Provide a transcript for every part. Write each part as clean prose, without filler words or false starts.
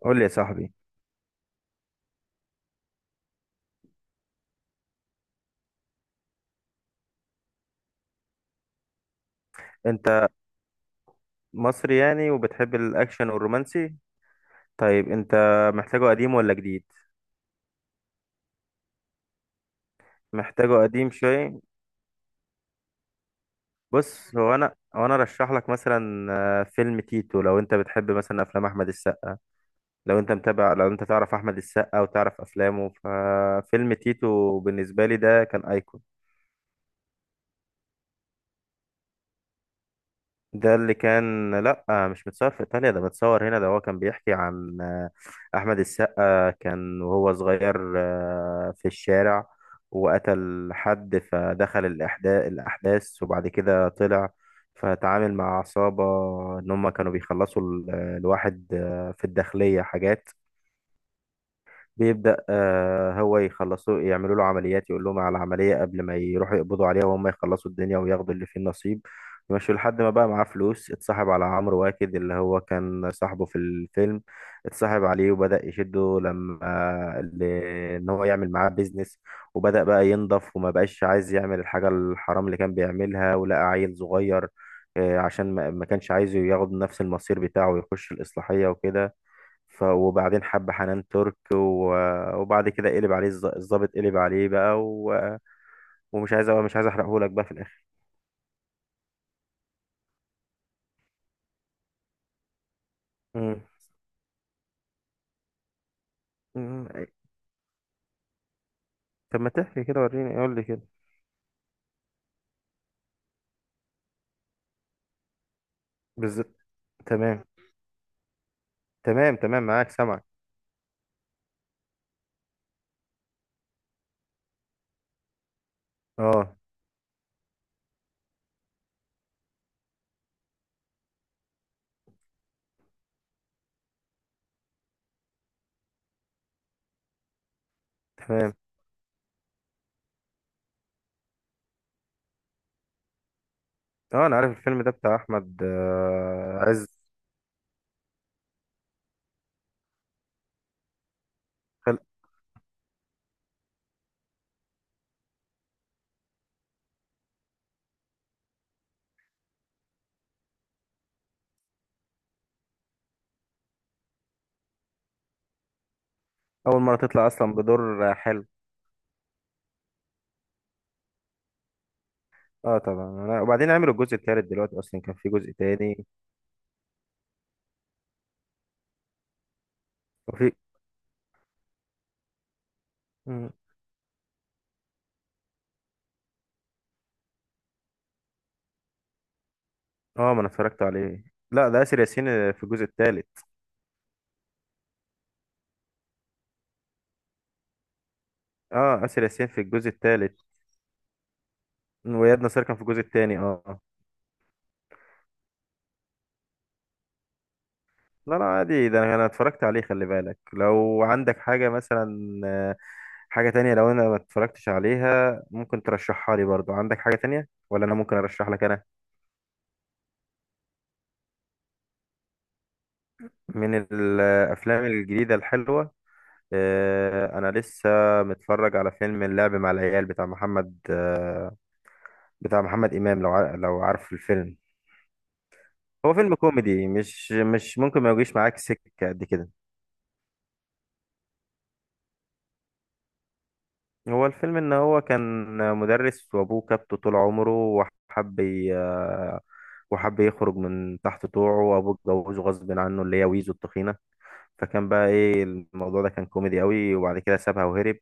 قول لي يا صاحبي. انت مصري يعني وبتحب الاكشن والرومانسي؟ طيب انت محتاجه قديم ولا جديد؟ محتاجه قديم شويه. بص هو انا رشح لك مثلا فيلم تيتو. لو انت بتحب مثلا افلام احمد السقا، لو انت تعرف احمد السقا وتعرف افلامه، ففيلم تيتو بالنسبه لي ده كان ايكون. ده اللي كان لا، مش متصور في ايطاليا، ده متصور هنا. ده هو كان بيحكي عن احمد السقا كان وهو صغير في الشارع، وقتل حد، فدخل الاحداث، وبعد كده طلع، فتعامل مع عصابة ان هم كانوا بيخلصوا الواحد في الداخلية حاجات. بيبدأ هو يخلصوا، يعملوا له عمليات، يقول لهم على العملية قبل ما يروحوا يقبضوا عليها، وهم يخلصوا الدنيا وياخدوا اللي فيه النصيب، يمشوا، لحد ما بقى معاه فلوس. اتصاحب على عمرو واكد، اللي هو كان صاحبه في الفيلم. اتصاحب عليه وبدأ يشده ان هو يعمل معاه بيزنس، وبدأ بقى ينضف، وما بقاش عايز يعمل الحاجة الحرام اللي كان بيعملها. ولقى عيل صغير عشان ما كانش عايزه ياخد نفس المصير بتاعه ويخش الإصلاحية وكده. وبعدين حب حنان ترك وبعد كده قلب عليه الظابط، قلب عليه بقى، ومش عايز، مش عايز احرقهولك بقى في الاخر. مم. مم. طب ما تحكي كده، وريني قول لي كده. بالظبط. تمام تمام تمام معاك، سامعك. اه. تمام. اه، انا عارف الفيلم ده بتاع احمد عز. خل... اول مره تطلع اصلا بدور حلو. اه طبعا، انا وبعدين عملوا الجزء التالت دلوقتي، اصلا كان في جزء تاني. وفي مم. اه، ما انا اتفرجت عليه. لا، ده اسر ياسين في الجزء التالت. اه، آسر ياسين في الجزء الثالث. وإياد نصار كان في الجزء الثاني. اه. آه. لا لا عادي، ده أنا اتفرجت عليه. خلي بالك، لو عندك حاجة مثلا، حاجة تانية لو انا ما اتفرجتش عليها ممكن ترشحها لي، برضو عندك حاجة تانية ولا انا ممكن ارشح لك انا؟ من الافلام الجديدة الحلوة، انا لسه متفرج على فيلم اللعب مع العيال بتاع محمد بتاع محمد امام. لو عارف الفيلم، هو فيلم كوميدي، مش ممكن ما يجيش معاك سكة قد كده. هو الفيلم ان هو كان مدرس، وابوه كابته طول عمره. وحب ي- وحب يخرج من تحت طوعه. وابوه اتجوزه غصب عنه، اللي هي ويزو التخينه. فكان بقى ايه، الموضوع ده كان كوميدي قوي. وبعد كده سابها وهرب.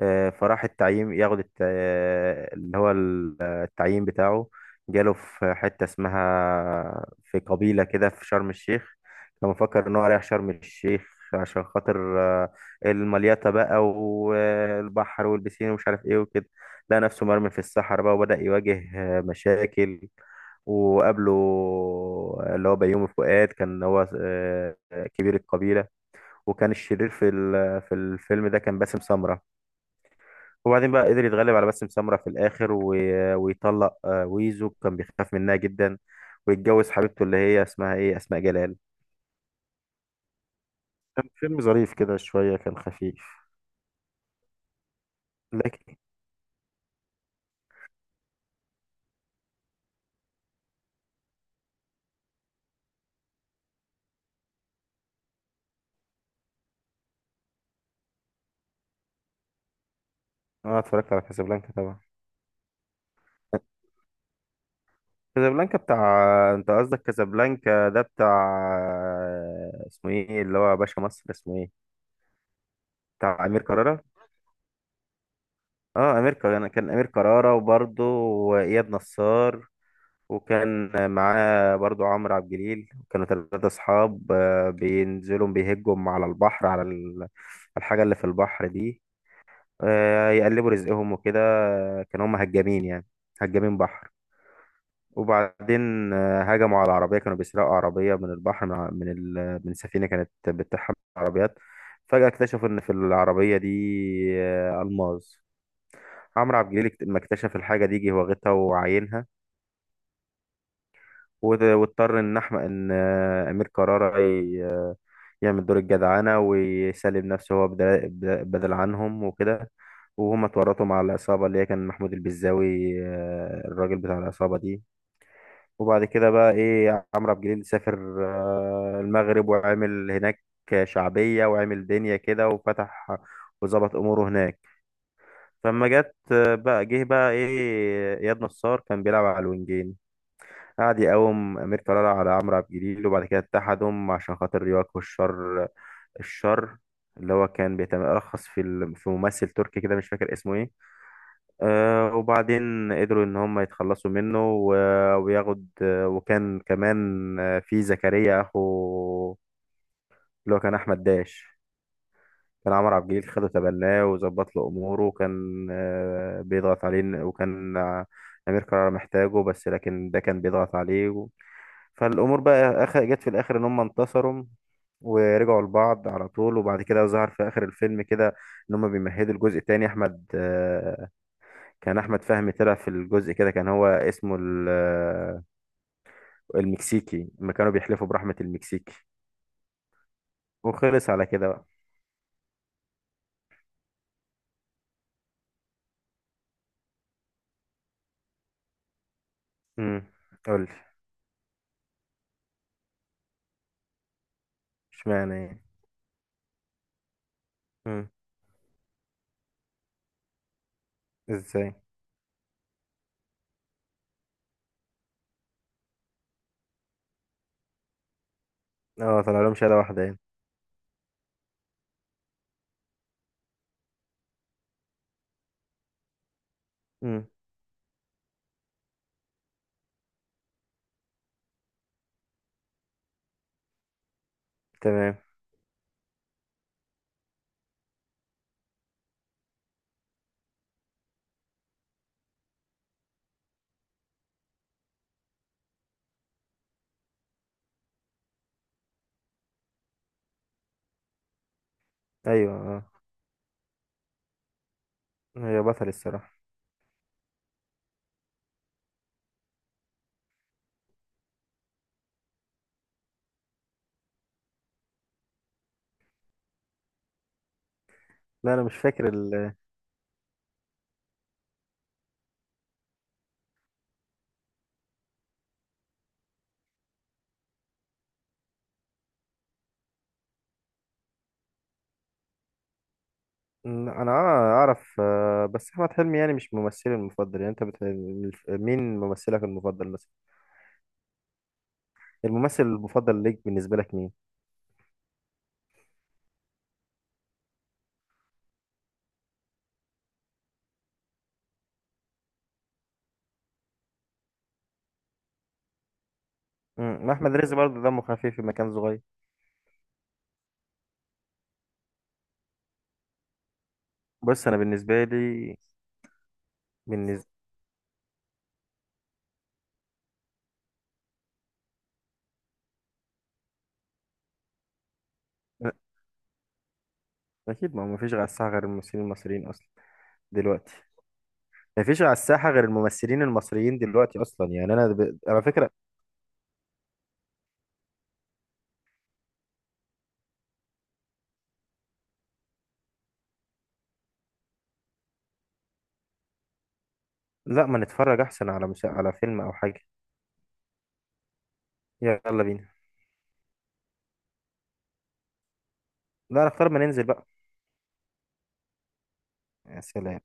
فراح التعيين، ياخد الت- آه، اللي هو ال- آه، التعيين بتاعه. جاله في حتة اسمها، في قبيلة كده، في شرم الشيخ. كان مفكر إن هو رايح شرم الشيخ عشان خاطر، المليطة بقى والبحر والبسين ومش عارف إيه وكده. لقى نفسه مرمي في الصحراء بقى، وبدأ يواجه مشاكل. وقابله اللي هو بيومي فؤاد، كان هو كبير القبيلة. وكان الشرير في الفيلم ده كان باسم سمرة. وبعدين بقى قدر يتغلب على باسم سمرة في الآخر ويطلق ويزو، كان بيخاف منها جدا. ويتجوز حبيبته اللي هي اسمها ايه، أسماء جلال. كان فيلم ظريف كده شوية، كان خفيف. لكن. اه، اتفرجت على كازابلانكا طبعا. كازابلانكا بتاع، انت قصدك كازابلانكا ده بتاع اسمه ايه اللي هو باشا مصر، اسمه ايه؟ بتاع امير كرارة. اه، امير كرارة. كان امير كرارة وبرضه واياد نصار، وكان معاه برضو عمرو عبد الجليل. كانوا ثلاثة أصحاب بينزلوا بيهجوا على البحر، على الحاجة اللي في البحر دي، يقلبوا رزقهم وكده. كانوا هم هجامين يعني، هجامين بحر. وبعدين هجموا على عربية، كانوا بيسرقوا عربية من البحر، من ع- من ال- من سفينة كانت بتطحن عربيات. فجأة اكتشفوا إن في العربية دي ألماس. عمرو عبد الجليل لما اكتشف الحاجة دي جه واخدها وعاينها. واضطر ان احمد ان امير كرارة يعمل دور الجدعانة ويسلم نفسه هو بدل، عنهم وكده. وهم اتورطوا مع العصابة اللي هي كان محمود البزاوي، الراجل بتاع العصابة دي. وبعد كده بقى ايه، عمرو عبد الجليل سافر المغرب وعمل هناك شعبية، وعمل دنيا كده، وفتح وظبط أموره هناك. فلما جت بقى، جه بقى ايه إياد نصار، كان بيلعب على الوينجين، قعد يقاوم أمير كرارة على عمرو عبد الجليل. وبعد كده اتحدهم عشان خاطر يواجهوا الشر. الشر اللي هو كان بيترخص في ممثل تركي كده، مش فاكر اسمه ايه. آه، وبعدين قدروا ان هم يتخلصوا منه وياخد وكان كمان في زكريا اخو، اللي هو كان احمد داش. كان عمرو عبد الجليل خده تبناه وظبط له اموره. وكان بيضغط عليه، وكان امير كرارة محتاجه بس، لكن ده كان بيضغط عليه. فالامور بقى جت في الاخر ان هم انتصروا، ورجعوا لبعض على طول. وبعد كده ظهر في اخر الفيلم كده، ان هم بيمهدوا الجزء التاني. احمد كان احمد فهمي طلع في الجزء كده، كان هو اسمه المكسيكي، لما كانوا بيحلفوا برحمة المكسيكي. وخلص على كده بقى. امم. قول. اشمعنى يعني؟ امم. ازاي؟ اه، طلع لهم شهادة واحدة يعني. امم. تمام. ايوه، اه. هي بطل الصراحة. لا، انا مش فاكر. انا آه اعرف، بس احمد حلمي يعني مش ممثلي المفضل يعني. مين ممثلك المفضل مثلا؟ الممثل المفضل ليك بالنسبه لك مين؟ امم، احمد رزق برضه دمه خفيف في مكان صغير. بص، انا بالنسبه لي، بالنسبه اكيد، ما هو مفيش على الساحه غير الممثلين المصريين اصلا دلوقتي. مفيش على الساحه غير الممثلين المصريين دلوقتي اصلا يعني. على فكره، لا، ما نتفرج احسن على على فيلم او حاجه. يلا بينا. لا، نختار ما ننزل بقى. يا سلام.